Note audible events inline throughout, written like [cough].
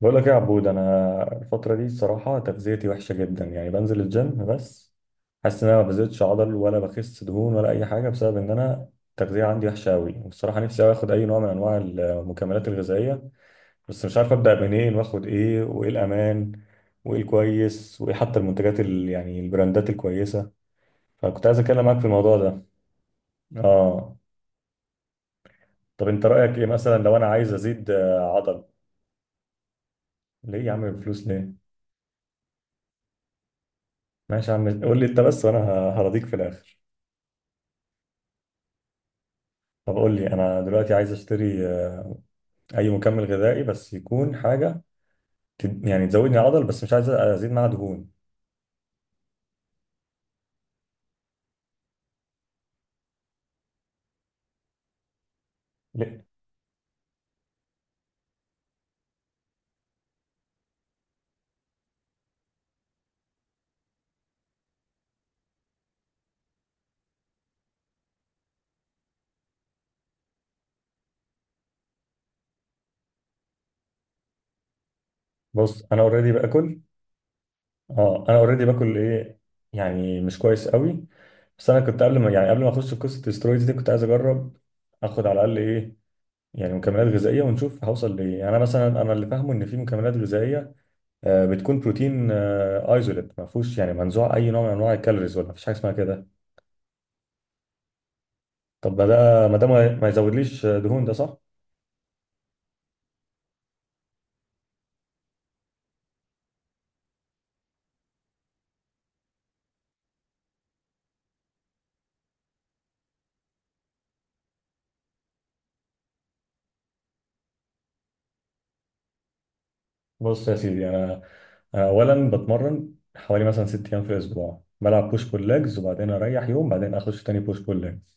بقول لك ايه يا عبود، انا الفتره دي الصراحه تغذيتي وحشه جدا. يعني بنزل الجيم بس حاسس ان انا ما بزيدش عضل ولا بخس دهون ولا اي حاجه، بسبب ان انا التغذيه عندي وحشه قوي. والصراحه نفسي أوي اخد اي نوع من انواع المكملات الغذائيه، بس مش عارف ابدا منين واخد ايه، وايه الامان، وايه الكويس، وايه حتى المنتجات يعني البراندات الكويسه. فكنت عايز اتكلم معاك في الموضوع ده. اه. طب انت رايك ايه مثلا لو انا عايز ازيد عضل؟ ليه يا عم، الفلوس ليه؟ ماشي يا عم، قول لي انت بس وانا هرضيك في الاخر. طب قول لي، انا دلوقتي عايز اشتري اي مكمل غذائي، بس يكون حاجه يعني تزودني عضل، بس مش عايز ازيد معاها دهون. ليه؟ بص انا اوريدي باكل. اه، انا اوريدي باكل ايه، يعني مش كويس قوي. بس انا كنت قبل ما اخش في قصه الاسترويدز دي كنت عايز اجرب اخد على الاقل ايه، يعني مكملات غذائيه ونشوف هوصل لايه. يعني انا مثلا، انا اللي فاهمه ان في مكملات غذائيه بتكون بروتين ايزوليت ما فيهوش، يعني منزوع اي نوع من انواع الكالوريز، ولا مفيش حاجه اسمها كده؟ طب ما ده ما يزودليش دهون، ده صح؟ بص يا سيدي، انا اولا بتمرن حوالي مثلا ست ايام في الاسبوع، بلعب بوش بول ليجز وبعدين اريح يوم، بعدين اخش تاني بوش بول ليجز.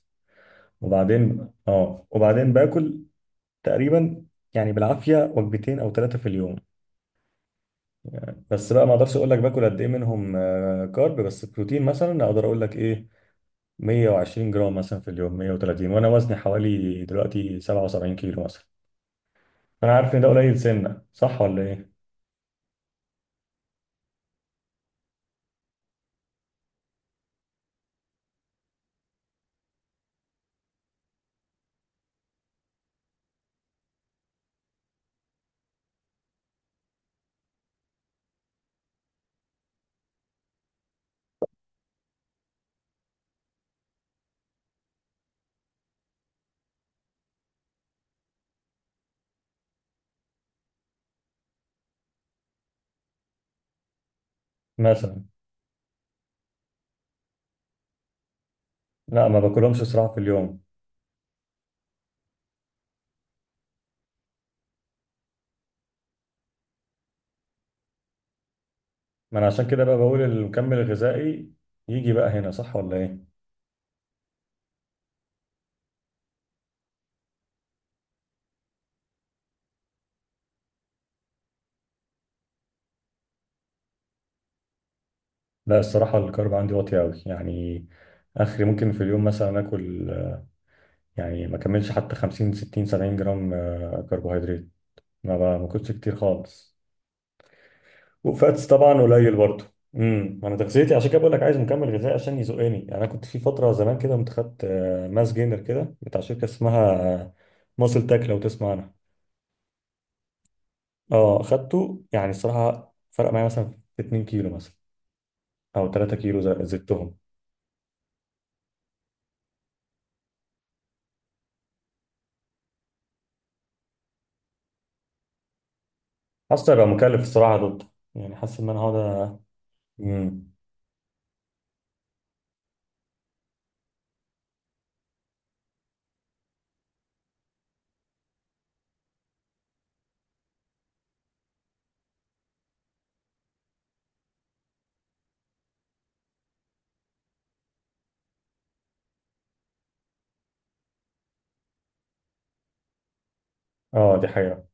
وبعدين باكل تقريبا يعني بالعافيه وجبتين او ثلاثه في اليوم. بس بقى ما اقدرش اقول لك باكل قد ايه منهم كارب، بس بروتين مثلا اقدر اقول لك ايه، 120 جرام مثلا في اليوم، 130. وانا وزني حوالي دلوقتي 77 كيلو مثلا، فانا عارف ان ده قليل سنه، صح ولا ايه؟ مثلا. لا، ما باكلهمش صراحة في اليوم. ما انا عشان كده بقى بقول المكمل الغذائي يجي بقى هنا، صح ولا ايه؟ لا، الصراحة الكارب عندي واطي قوي يعني. اخري ممكن في اليوم مثلا اكل يعني ما اكملش حتى 50 60 70 جرام كربوهيدرات. ما باكلش كتير خالص. وفاتس طبعا قليل برضه. انا تغذيتي عشان كده بقول لك عايز مكمل غذائي عشان يزقني. يعني انا كنت في فترة زمان كده، كنت خدت ماس جينر كده بتاع شركة اسمها ماسل تاك، لو تسمع عنها. اه، خدته يعني الصراحه فرق معايا مثلا في 2 كيلو مثلا، او 3 كيلو زدتهم. حاسس هيبقى مكلف الصراحه ضده، يعني حاسس ان انا هقعد. امم. اه، دي حقيقه.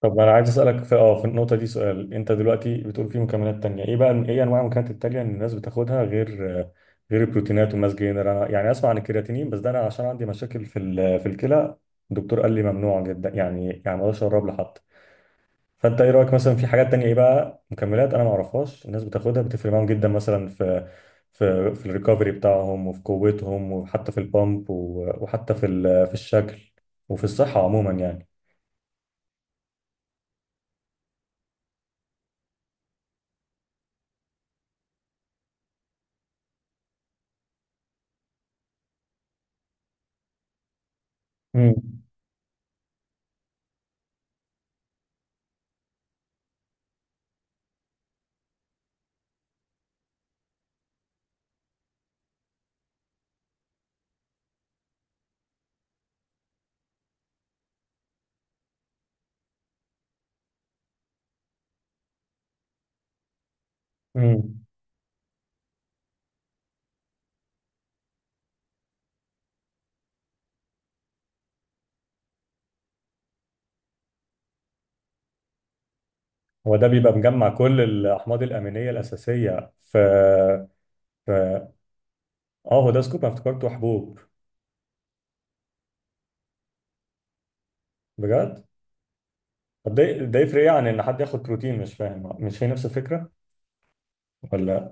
طب انا عايز اسالك في في النقطه دي سؤال. انت دلوقتي بتقول في مكملات تانية، ايه بقى، ايه انواع المكملات التانية ان الناس بتاخدها غير البروتينات والماس جينر؟ انا يعني اسمع عن الكرياتينين، بس ده انا عشان عندي مشاكل في الكلى، الدكتور قال لي ممنوع جدا، يعني ما اقدرش اقرب لحد. فانت ايه رايك مثلا في حاجات تانية، ايه بقى مكملات انا ما اعرفهاش الناس بتاخدها بتفرق معاهم جدا، مثلا في الريكفري بتاعهم وفي قوتهم وحتى في البامب وحتى في الشكل وفي الصحه عموما يعني. امم. امم. هو ده بيبقى مجمع كل الاحماض الامينيه الاساسيه في في اه هو ده سكوب، انا افتكرته حبوب؟ بجد. طب ده يفرق ايه عن ان حد ياخد بروتين؟ مش فاهم، مش هي نفس الفكره ولا؟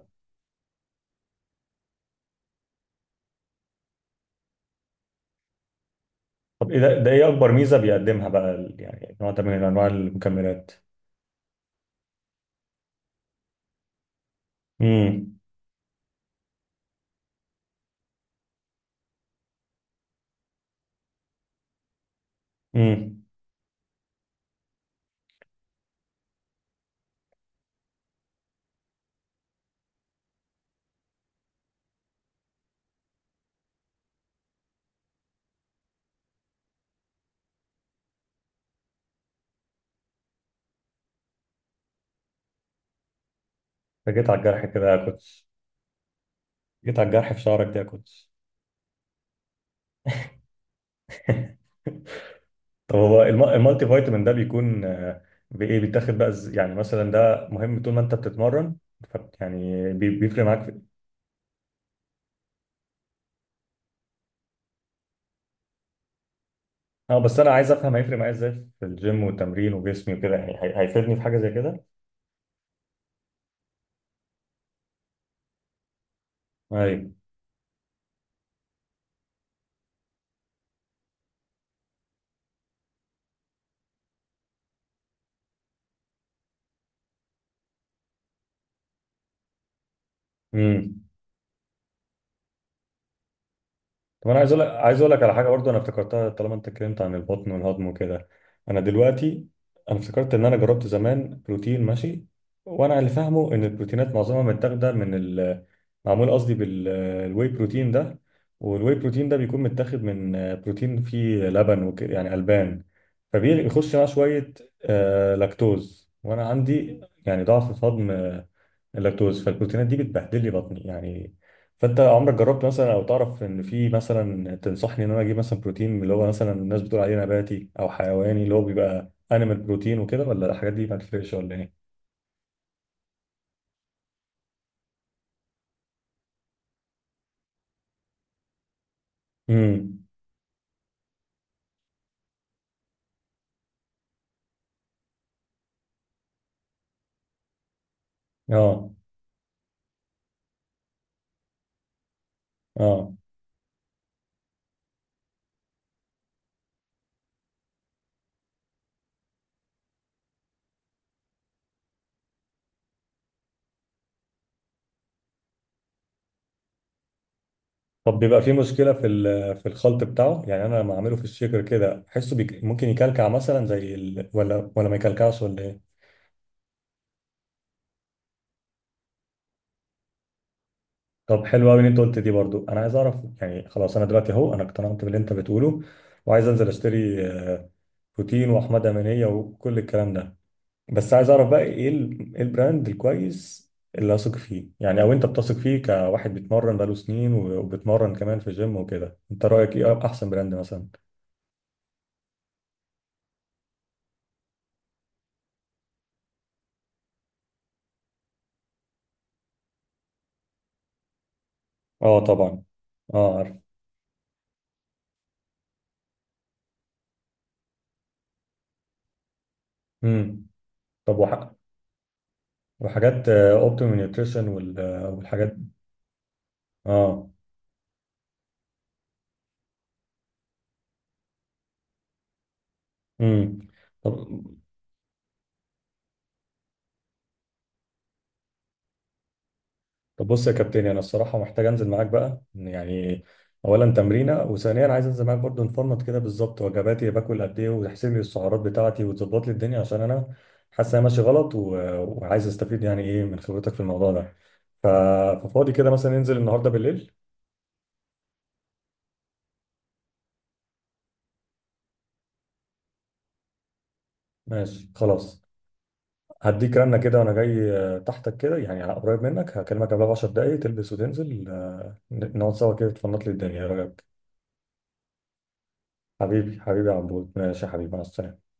طب ايه ده ايه اكبر ميزه بيقدمها بقى يعني نوع ده من انواع المكملات؟ امم. امم. جيت على الجرح كده يا كوتش. جيت على الجرح في شعرك ده يا كوتش. [laughs] طب هو المالتي فيتامين ده بيكون بايه بيتاخد بقى، يعني مثلا ده مهم طول ما انت بتتمرن، يعني بيفرق معاك في. اه، بس انا عايز افهم هيفرق معايا ازاي في الجيم والتمرين وجسمي وكده، يعني هيفيدني في حاجه زي كده؟ ايوه. امم. طب انا عايز اقول لك، على حاجه برضو انا افتكرتها طالما انت اتكلمت عن البطن والهضم وكده. انا دلوقتي انا افتكرت ان انا جربت زمان بروتين ماشي، وانا اللي فاهمه ان البروتينات معظمها متاخده من ال، معمول قصدي بالواي بروتين ده. والواي بروتين ده بيكون متاخد من بروتين فيه لبن وكده، يعني البان، فبيخش معاه شويه لاكتوز، وانا عندي يعني ضعف في الهضم اللاكتوز، فالبروتينات دي بتبهدل لي بطني يعني. فانت عمرك جربت مثلا، او تعرف ان في مثلا تنصحني ان انا اجيب مثلا بروتين اللي هو مثلا الناس بتقول عليه نباتي او حيواني اللي هو بيبقى انيمال بروتين وكده، ولا الحاجات دي ما تفرقش ولا ايه؟ امم. اه. اه. طب بيبقى في مشكله في الخلط بتاعه؟ يعني انا لما اعمله في الشيكر كده احسه ممكن يكلكع مثلا زي ولا ما يكلكعش ولا ايه؟ طب حلو قوي اللي انت قلت دي، برضو انا عايز اعرف. يعني خلاص، انا دلوقتي اهو انا اقتنعت باللي انت بتقوله، وعايز انزل اشتري بوتين واحمد امانيه وكل الكلام ده. بس عايز اعرف بقى، ايه ال- إيه البراند الكويس اللي اثق فيه يعني، او انت بتثق فيه كواحد بيتمرن بقاله سنين وبيتمرن كمان في جيم وكده. انت رايك ايه احسن براند مثلا؟ اه طبعا. اه عارف. امم. طب وحاجات اوبتيمال نيوتريشن والحاجات. اه. امم. طب طب بص يا كابتن، انا الصراحه محتاج انزل معاك بقى يعني، اولا تمرينه، وثانيا عايز انزل معاك برضو انفورمات كده بالظبط، وجباتي باكل قد ايه، وتحسب لي السعرات بتاعتي، وتظبط لي الدنيا، عشان انا حاسس انا ماشي غلط، وعايز استفيد يعني ايه من خبرتك في الموضوع ده. ف... ففاضي كده مثلا ننزل النهارده بالليل؟ ماشي خلاص. هديك رنه كده وانا جاي تحتك كده يعني على قريب منك، هكلمك قبلها ب 10 دقايق تلبس وتنزل نقعد سوا كده تفنط لي الدنيا، ايه رايك؟ حبيبي حبيبي يا عبود، ماشي يا حبيبي، مع السلامه.